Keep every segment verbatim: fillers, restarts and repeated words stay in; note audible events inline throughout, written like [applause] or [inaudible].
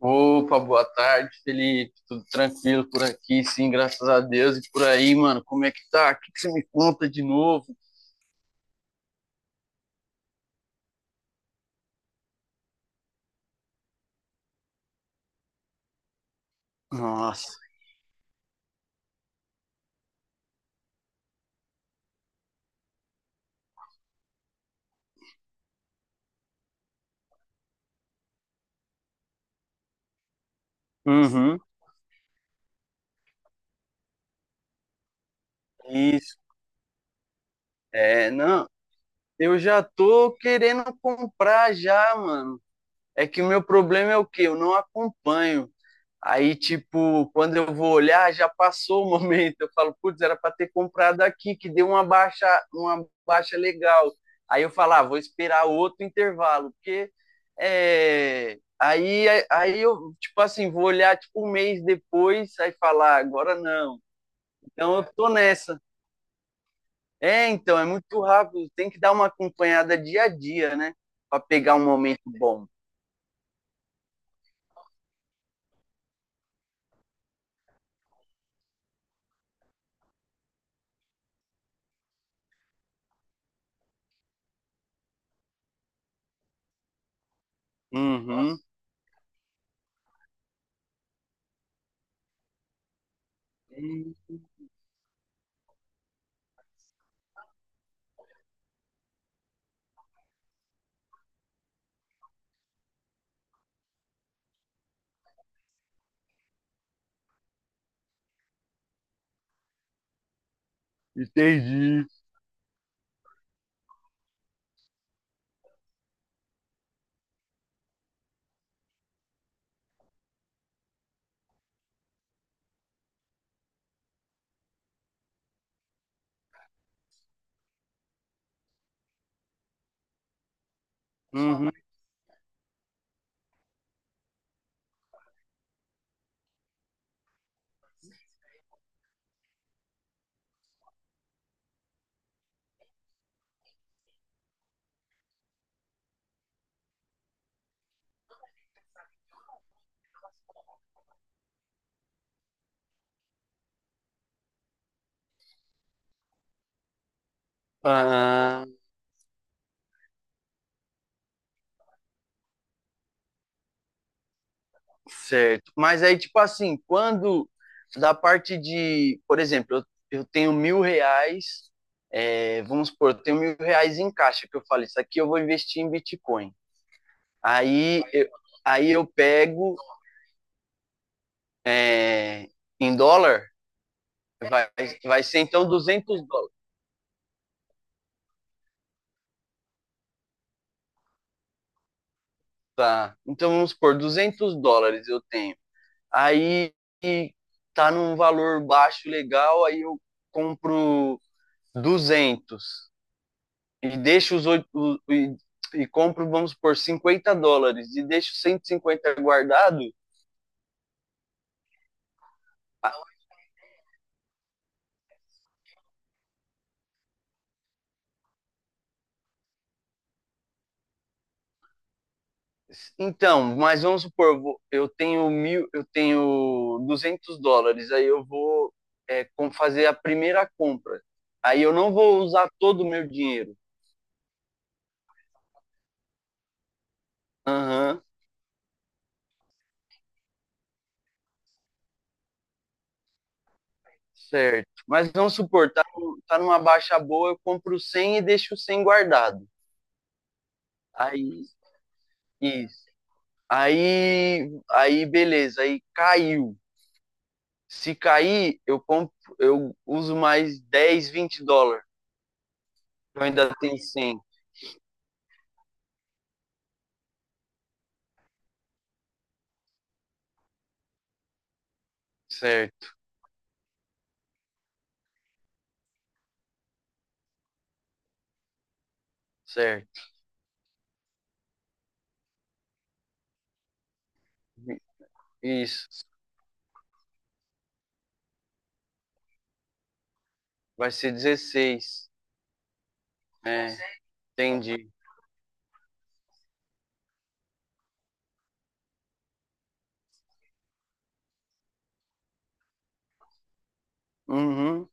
Opa, boa tarde, Felipe. Tudo tranquilo por aqui, sim, graças a Deus. E por aí, mano, como é que tá? O que que você me conta de novo? Nossa. Uhum. Isso. É, não. Eu já tô querendo comprar já, mano. É que o meu problema é o quê? Eu não acompanho. Aí, tipo, quando eu vou olhar, já passou o [laughs] momento. Eu falo, putz, era para ter comprado aqui, que deu uma baixa, uma baixa legal. Aí eu falo, ah, vou esperar outro intervalo, porque é, aí, aí eu, tipo assim, vou olhar tipo um mês depois, aí falar, ah, agora não. Então eu tô nessa. É, então, é muito rápido, tem que dar uma acompanhada dia a dia, né? Para pegar um momento bom. Uhum, entendi. Uhum. Ah. Certo. Mas aí, tipo assim, quando da parte de, por exemplo, eu, eu tenho mil reais, é, vamos supor, eu tenho mil reais em caixa, que eu falo, isso aqui eu vou investir em Bitcoin. Aí eu, aí eu pego é, em dólar, vai, vai ser então duzentos dólares. Tá. Então vamos supor, duzentos dólares eu tenho. Aí tá num valor baixo legal, aí eu compro duzentos e deixa os oito e, e compro, vamos por cinquenta dólares e deixo cento e cinquenta guardado. Ah, então, mas vamos supor, eu tenho mil, eu tenho duzentos dólares, aí eu vou é, fazer a primeira compra. Aí eu não vou usar todo o meu dinheiro. Aham, certo. Mas vamos supor, tá, tá numa baixa boa, eu compro cem e deixo cem guardado. Aí, isso. Aí, aí, beleza, aí caiu. Se cair, eu compro, eu uso mais dez, vinte dólares. Eu ainda tenho cem. Certo, certo. Isso. Vai ser dezesseis. É, entendi. Uhum.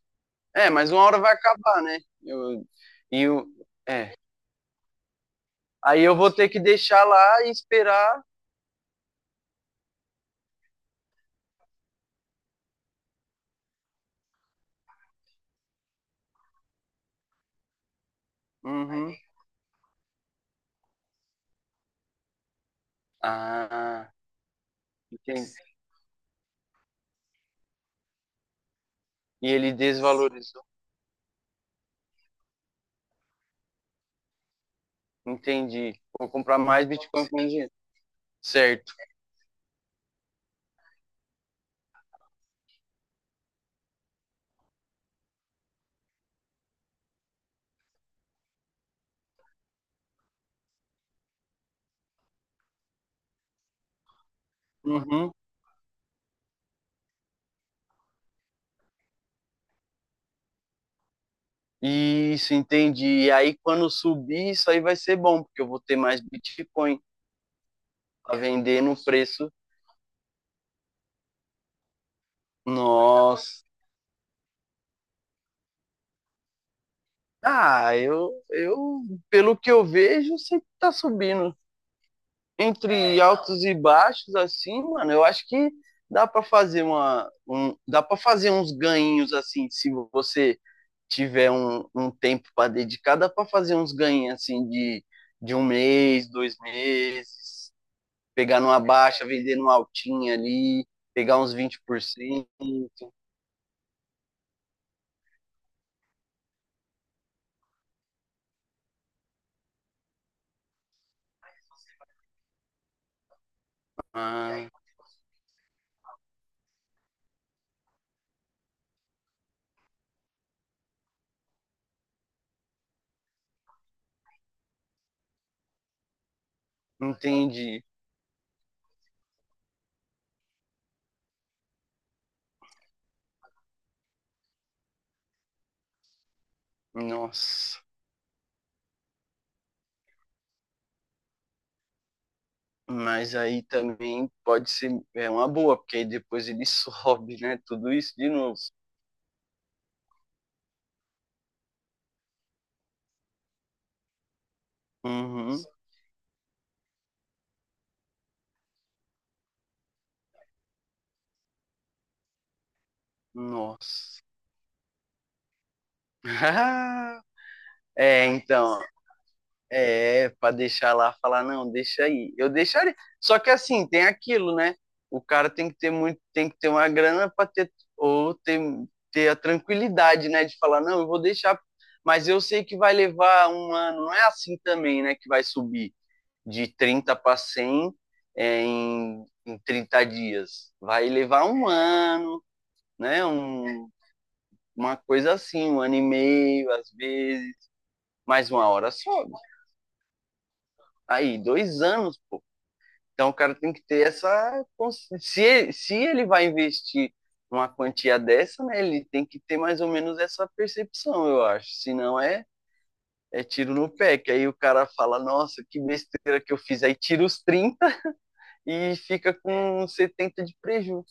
É, mas uma hora vai acabar, né? Eu, e eu, é. Aí eu vou ter que deixar lá e esperar. Uhum. Ah, entendi. E ele desvalorizou. Entendi. Vou comprar mais Bitcoin com dinheiro. Certo. Uhum. Isso, entendi. E aí, quando subir, isso aí vai ser bom, porque eu vou ter mais Bitcoin para vender no preço. Nossa. Ah, eu, eu, pelo que eu vejo, sempre tá subindo. Entre altos e baixos, assim, mano, eu acho que dá para fazer uma, um, dá para fazer uns ganhinhos assim, se você tiver um, um tempo para dedicar, dá para fazer uns ganhinhos assim de, de um mês, dois meses. Pegar numa baixa, vender numa altinha ali, pegar uns vinte por cento. Ah, entendi. Nossa. Mas aí também pode ser é uma boa, porque aí depois ele [laughs] sobe, né? Tudo isso de novo. Uhum. Nossa. [laughs] É, então, É, pra deixar lá, falar, não, deixa aí. Eu deixaria. Só que assim, tem aquilo, né? O cara tem que ter muito, tem que ter uma grana pra ter, ou ter, ter a tranquilidade, né? De falar, não, eu vou deixar, mas eu sei que vai levar um ano. Não é assim também, né? Que vai subir de trinta para cem é, em, em trinta dias. Vai levar um ano, né? Um, uma coisa assim, um ano e meio, às vezes, mais uma hora sobe. Aí, dois anos, pô. Então o cara tem que ter essa. consci- Se ele, se ele vai investir uma quantia dessa, né, ele tem que ter mais ou menos essa percepção, eu acho. Senão é, é tiro no pé, que aí o cara fala, nossa, que besteira que eu fiz. Aí tira os trinta e fica com setenta de prejuízo.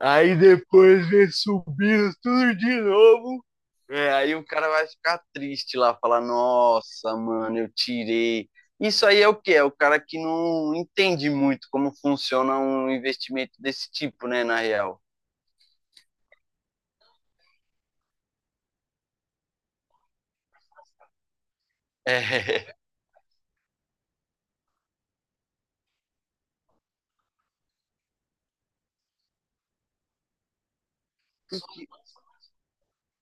Aí depois vem subindo tudo de novo. É, aí o cara vai ficar triste lá, falar, nossa, mano, eu tirei. Isso aí é o que é o cara que não entende muito como funciona um investimento desse tipo, né, na real. É.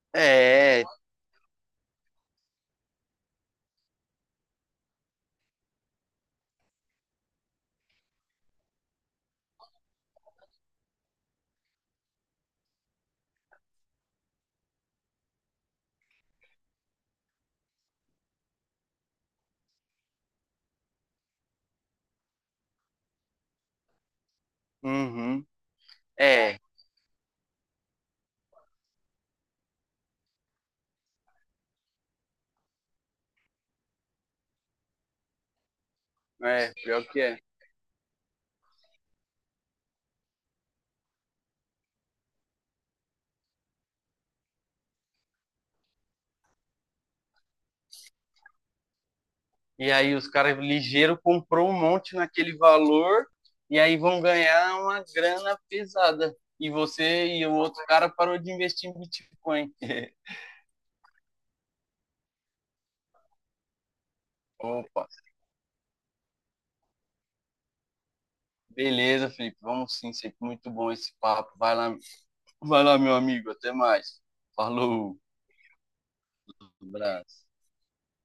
[laughs] É. Uhum. É, é, pior que é. E aí os caras ligeiro comprou um monte naquele valor e aí vão ganhar uma grana pesada. E você e o outro cara parou de investir em Bitcoin. [laughs] Opa, beleza, Felipe. Vamos sim, sempre muito bom esse papo. Vai lá, vai lá, meu amigo. Até mais. Falou, um abraço.